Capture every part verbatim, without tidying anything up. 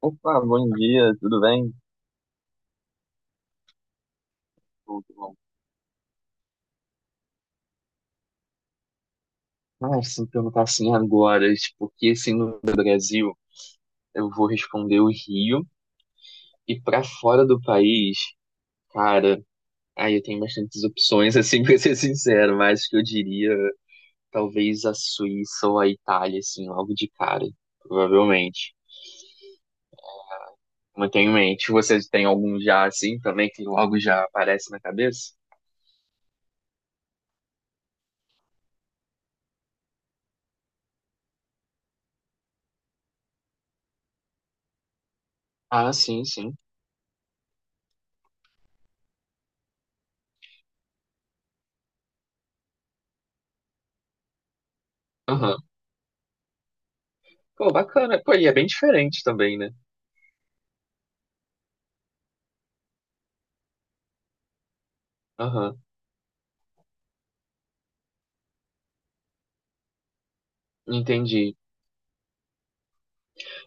Opa, bom dia, tudo bem? Tudo bom. Ah, se me perguntar assim agora, tipo, que assim no Brasil, eu vou responder o Rio. E pra fora do país, cara, aí eu tenho bastantes opções, assim, pra ser sincero, mas que eu diria talvez a Suíça ou a Itália, assim, logo de cara, provavelmente. Não tenho em mente. Vocês têm algum já, assim, também, que logo já aparece na cabeça? Ah, sim, sim. Aham. Pô, bacana. Pô, e é bem diferente também, né? Aham. Entendi.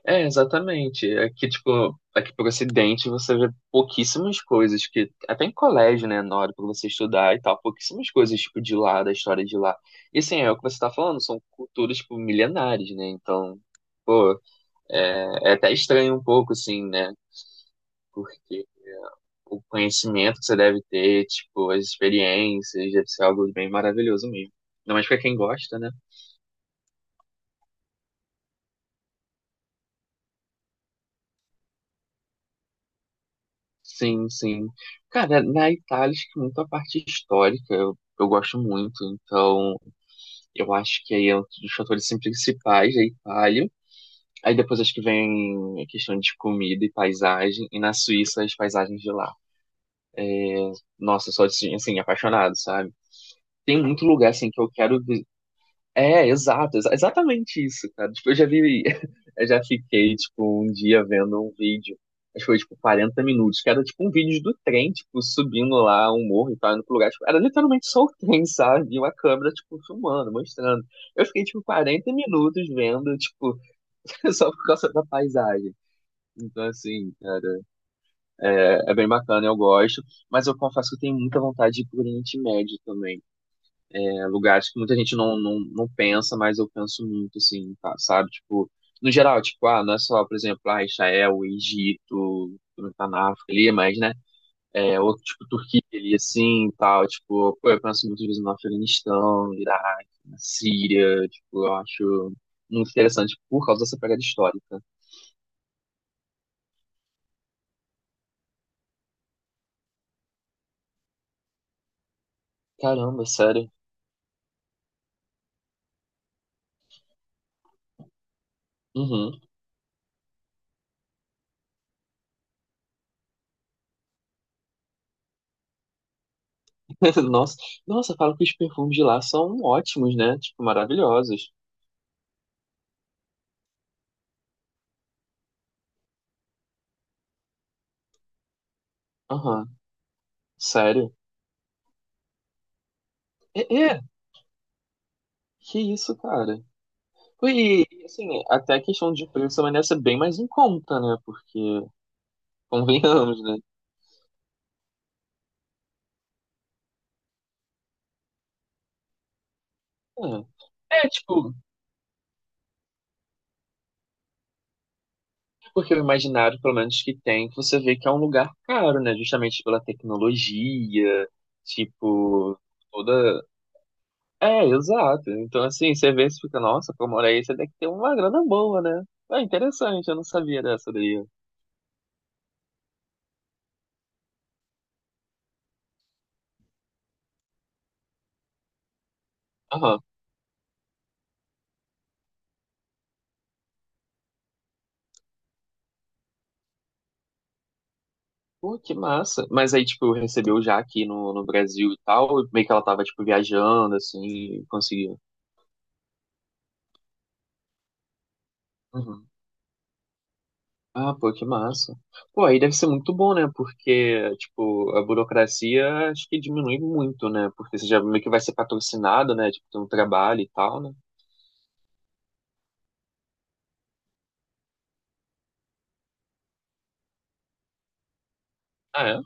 É, exatamente. Aqui, tipo, aqui pro Ocidente você vê pouquíssimas coisas que, até em colégio, né, na hora pra você estudar e tal, pouquíssimas coisas, tipo, de lá, da história de lá. E assim, é o que você tá falando, são culturas, tipo, milenares, né, então, pô, é é até estranho um pouco, assim, né, porque o conhecimento que você deve ter, tipo, as experiências, deve ser algo bem maravilhoso mesmo. Ainda mais pra quem gosta, né? Sim, sim. Cara, na Itália, acho que muito a parte histórica eu, eu gosto muito. Então, eu acho que aí é um dos fatores assim, principais da Itália. Aí depois acho que vem a questão de comida e paisagem. E na Suíça, as paisagens de lá. Nossa, eu sou assim, assim, apaixonado, sabe? Tem muito lugar assim que eu quero. É, exato, exa- exatamente isso, cara. Tipo, eu já vi, eu já fiquei, tipo, um dia vendo um vídeo, acho que foi, tipo, quarenta minutos, que era, tipo, um vídeo do trem, tipo, subindo lá um morro e tal, indo pro lugar, tipo, era literalmente só o trem, sabe? E uma câmera, tipo, filmando, mostrando. Eu fiquei, tipo, quarenta minutos vendo, tipo, só por causa da paisagem. Então, assim, cara, é, é bem bacana, eu gosto, mas eu confesso que eu tenho muita vontade de ir pro Oriente Médio também. É, lugares que muita gente não, não, não pensa, mas eu penso muito, assim, tá, sabe? Tipo, no geral, tipo, ah, não é só, por exemplo, ah, Israel, Egito, não tá na África ali, mas, né? É, outro tipo, Turquia ali, assim, e tal. Tipo, pô, eu penso muitas vezes no Afeganistão, no Iraque, na Síria, tipo, eu acho muito interessante por causa dessa pegada histórica. Caramba, sério. Uhum. Nossa, nossa, falam que os perfumes de lá são ótimos, né? Tipo, maravilhosos. Aham, sério. É, é. Que isso, cara. E, assim, até a questão de preço também deve ser bem mais em conta, né? Porque, convenhamos, né? É. É, tipo, porque o imaginário, pelo menos que tem, que você vê que é um lugar caro, né? Justamente pela tecnologia, tipo, toda. É, exato. Então, assim, você vê e fica, nossa, pra morar aí, você tem que ter uma grana boa, né? É interessante, eu não sabia dessa daí. Aham. Pô, que massa. Mas aí, tipo, recebeu já aqui no, no Brasil e tal, meio que ela tava, tipo, viajando, assim, e conseguiu. Uhum. Ah, pô, que massa. Pô, aí deve ser muito bom, né? Porque, tipo, a burocracia acho que diminui muito, né? Porque você já meio que vai ser patrocinado, né? Tipo, tem um trabalho e tal, né? Ah, é?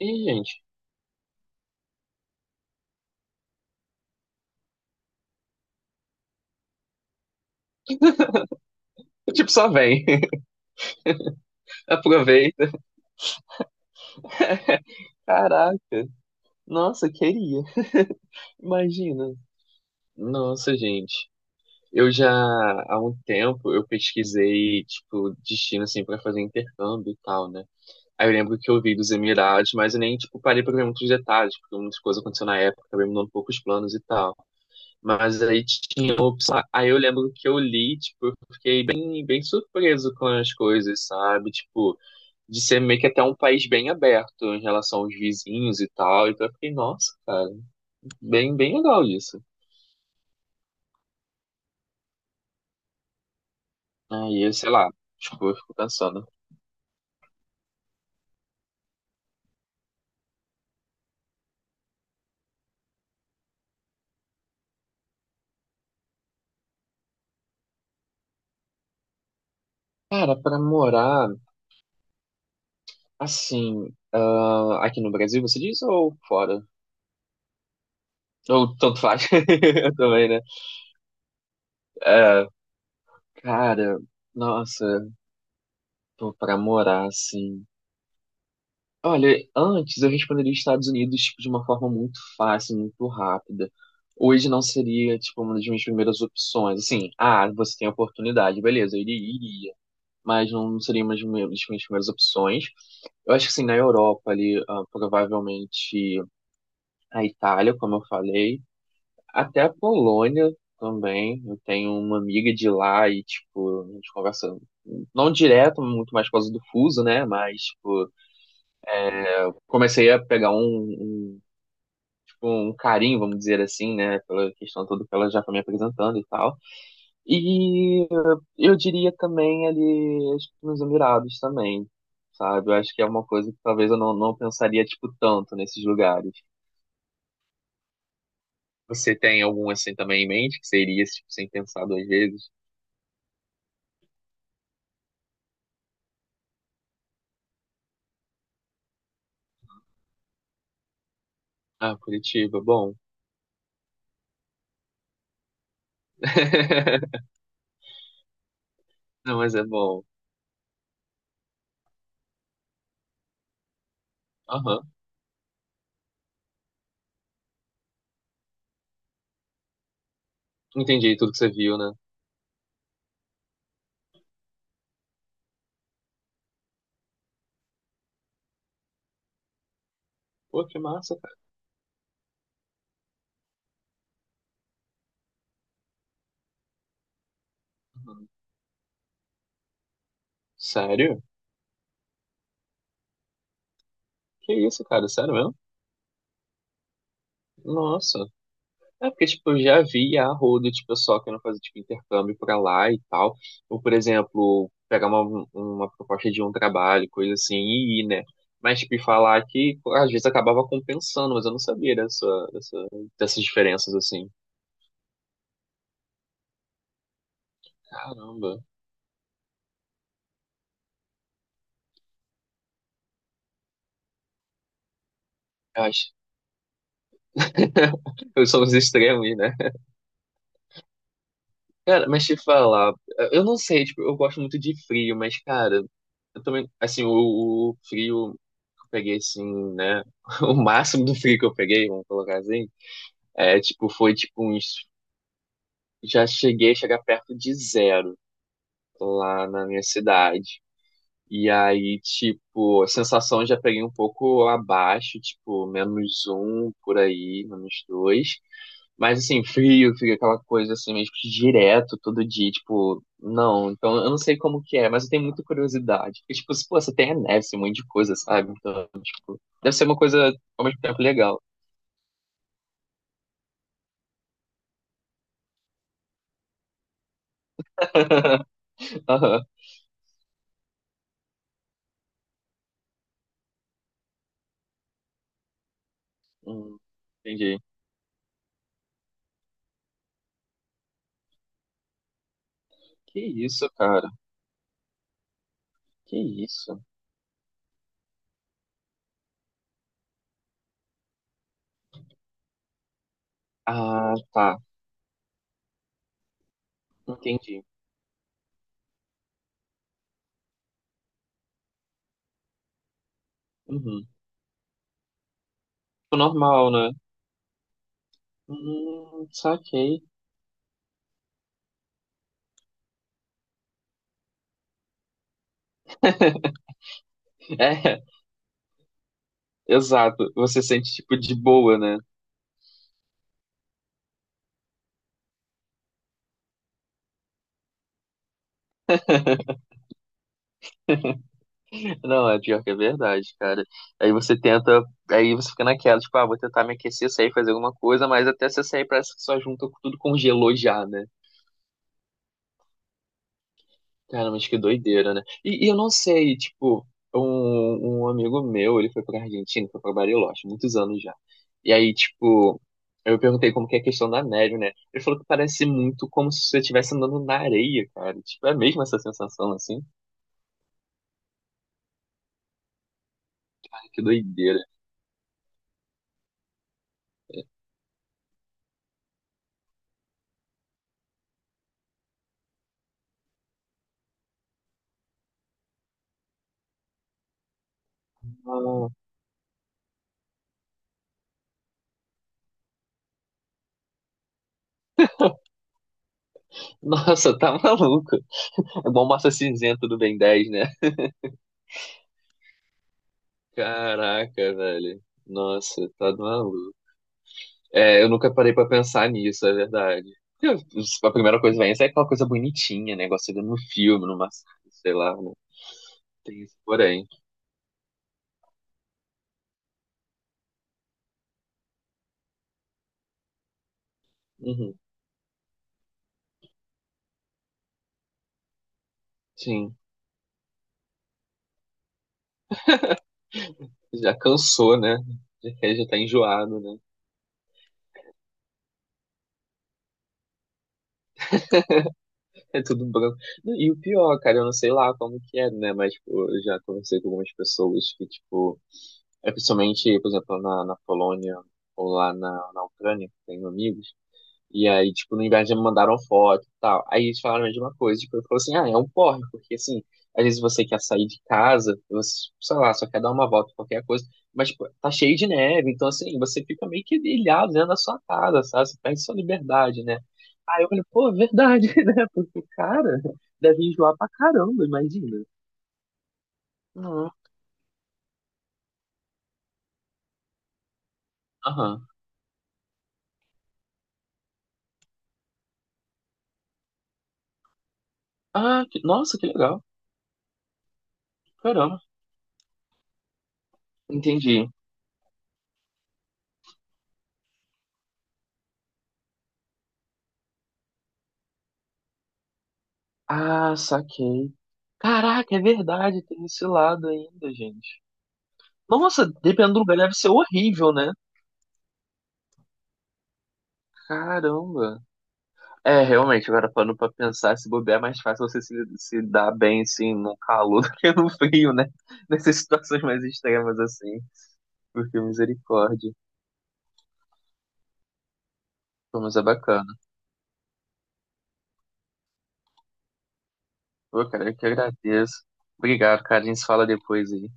Ih, gente. Tipo, só vem. Aproveita. Caraca. Nossa, queria. Imagina. Nossa, gente. Eu já, há um tempo, eu pesquisei, tipo, destino, assim, pra fazer intercâmbio e tal, né? Aí eu lembro que eu vi dos Emirados, mas eu nem, tipo, parei pra ver muitos detalhes, porque muitas coisas aconteceram na época, acabei mudando um pouco os planos e tal. Mas aí tinha opção. Aí eu lembro que eu li, tipo, eu fiquei bem, bem surpreso com as coisas, sabe? Tipo, de ser meio que até um país bem aberto em relação aos vizinhos e tal. Então eu fiquei, nossa, cara, bem, bem legal isso. Aí, sei lá, tipo, eu fico pensando. Cara, pra morar, assim, ah, aqui no Brasil, você diz, ou fora? Ou tanto faz, eu também, né? É, cara, nossa, pô, pra morar, assim. Olha, antes eu responderia Estados Unidos, tipo, de uma forma muito fácil, muito rápida. Hoje não seria, tipo, uma das minhas primeiras opções. Assim, ah, você tem a oportunidade, beleza, eu iria, iria. Mas não seria uma das minhas das minhas primeiras opções. Eu acho que, assim, na Europa ali, ah, provavelmente, a Itália, como eu falei, até a Polônia também. Eu tenho uma amiga de lá e, tipo, a gente conversa, não direto, muito mais por causa do fuso, né? Mas, tipo, comecei a pegar um, um, tipo, um carinho, vamos dizer assim, né? Pela questão toda que ela já foi me apresentando e tal. E eu diria também ali, acho que nos Emirados também. Sabe, eu acho que é uma coisa que talvez eu não, não pensaria, tipo, tanto nesses lugares. Você tem algum assim também em mente que seria esse tipo, sem pensar duas vezes? Ah, Curitiba, bom. Não, mas é bom. Aham. Entendi tudo que você viu, né? Pô, que massa, cara. Aham. Sério? Que isso, cara? Sério mesmo? Nossa. É porque, tipo, eu já vi a rodo de pessoal querendo fazer, tipo, intercâmbio pra lá e tal. Ou, por exemplo, pegar uma, uma proposta de um trabalho, coisa assim, e ir, né? Mas, tipo, e falar que às vezes acabava compensando, mas eu não sabia dessa, dessa, dessas diferenças, assim. Caramba. Eu acho. Eu sou os extremos, né? Cara, mas te falar, eu não sei, tipo, eu gosto muito de frio, mas, cara, eu também, assim, o, o frio que eu peguei, assim, né? O máximo do frio que eu peguei, vamos colocar assim, é, tipo, foi, tipo, uns, já cheguei a chegar perto de zero lá na minha cidade. E aí, tipo, a sensação eu já peguei um pouco abaixo, tipo, menos um por aí, menos dois. Mas assim, frio, fica aquela coisa assim, meio que direto, todo dia, tipo, não, então eu não sei como que é, mas eu tenho muita curiosidade. Porque, tipo, se, pô, você tem a neve, esse monte de coisa, sabe? Então, tipo, deve ser uma coisa ao mesmo tempo legal. Aham. Hum, entendi. Que isso, cara? Que isso? Ah, tá. Entendi. Uhum. Tipo, normal, né? Hum, saquei. É, exato. Você sente, tipo, de boa, né? Não, é pior que é verdade, cara. Aí você tenta, aí você fica naquela, tipo, ah, vou tentar me aquecer, sair, fazer alguma coisa, mas até você sair parece que só junta com- tudo congelou já, né? Cara, mas que doideira, né? E, e eu não sei, tipo, um, um amigo meu, ele foi pra Argentina, foi pra Bariloche, muitos anos já. E aí, tipo, eu perguntei como que é a questão da neve, né? Ele falou que parece muito como se você estivesse andando na areia, cara. Tipo, é mesmo essa sensação assim? Que doideira. Ah, Nossa, tá maluco. É igual massa cinzenta do Ben dez, né? Caraca, velho. Nossa, tá maluco. É, eu nunca parei pra pensar nisso, é verdade. Eu- A primeira coisa que vem é aquela coisa bonitinha, né? Igual você vê no filme, numa, sei lá, né? Tem isso, porém. Uhum, sim. Já cansou, né? Já, já tá enjoado, né? É tudo branco. E o pior, cara, eu não sei lá como que é, né? Mas, tipo, eu já conversei com algumas pessoas que, tipo, é principalmente, por exemplo, na, na Polônia ou lá na, na Ucrânia, tenho amigos. E aí, tipo, no inverno já me mandaram foto e tal. Aí eles falaram a mesma coisa. Tipo, eu falei assim, ah, é um porre, porque assim, às vezes você quer sair de casa, você, sei lá, só quer dar uma volta, qualquer coisa, mas tipo, tá cheio de neve, então assim, você fica meio que ilhado dentro da sua casa, sabe? Você perde sua liberdade, né? Aí eu falei, pô, é verdade, né? Porque, cara, deve enjoar pra caramba, imagina. Uhum. Aham. Ah, que- nossa, que legal. Caramba. Entendi. Ah, saquei. Caraca, é verdade, tem esse lado ainda, gente. Nossa, dependendo do lugar, deve ser horrível, né? Caramba. É, realmente, agora parando pra pensar, se bobear é mais fácil você se, se dar bem, assim, no calor do que no frio, né? Nessas situações mais extremas, assim. Porque misericórdia. Pô, mas é bacana. Pô, cara, eu que agradeço. Obrigado, cara. A gente se fala depois aí.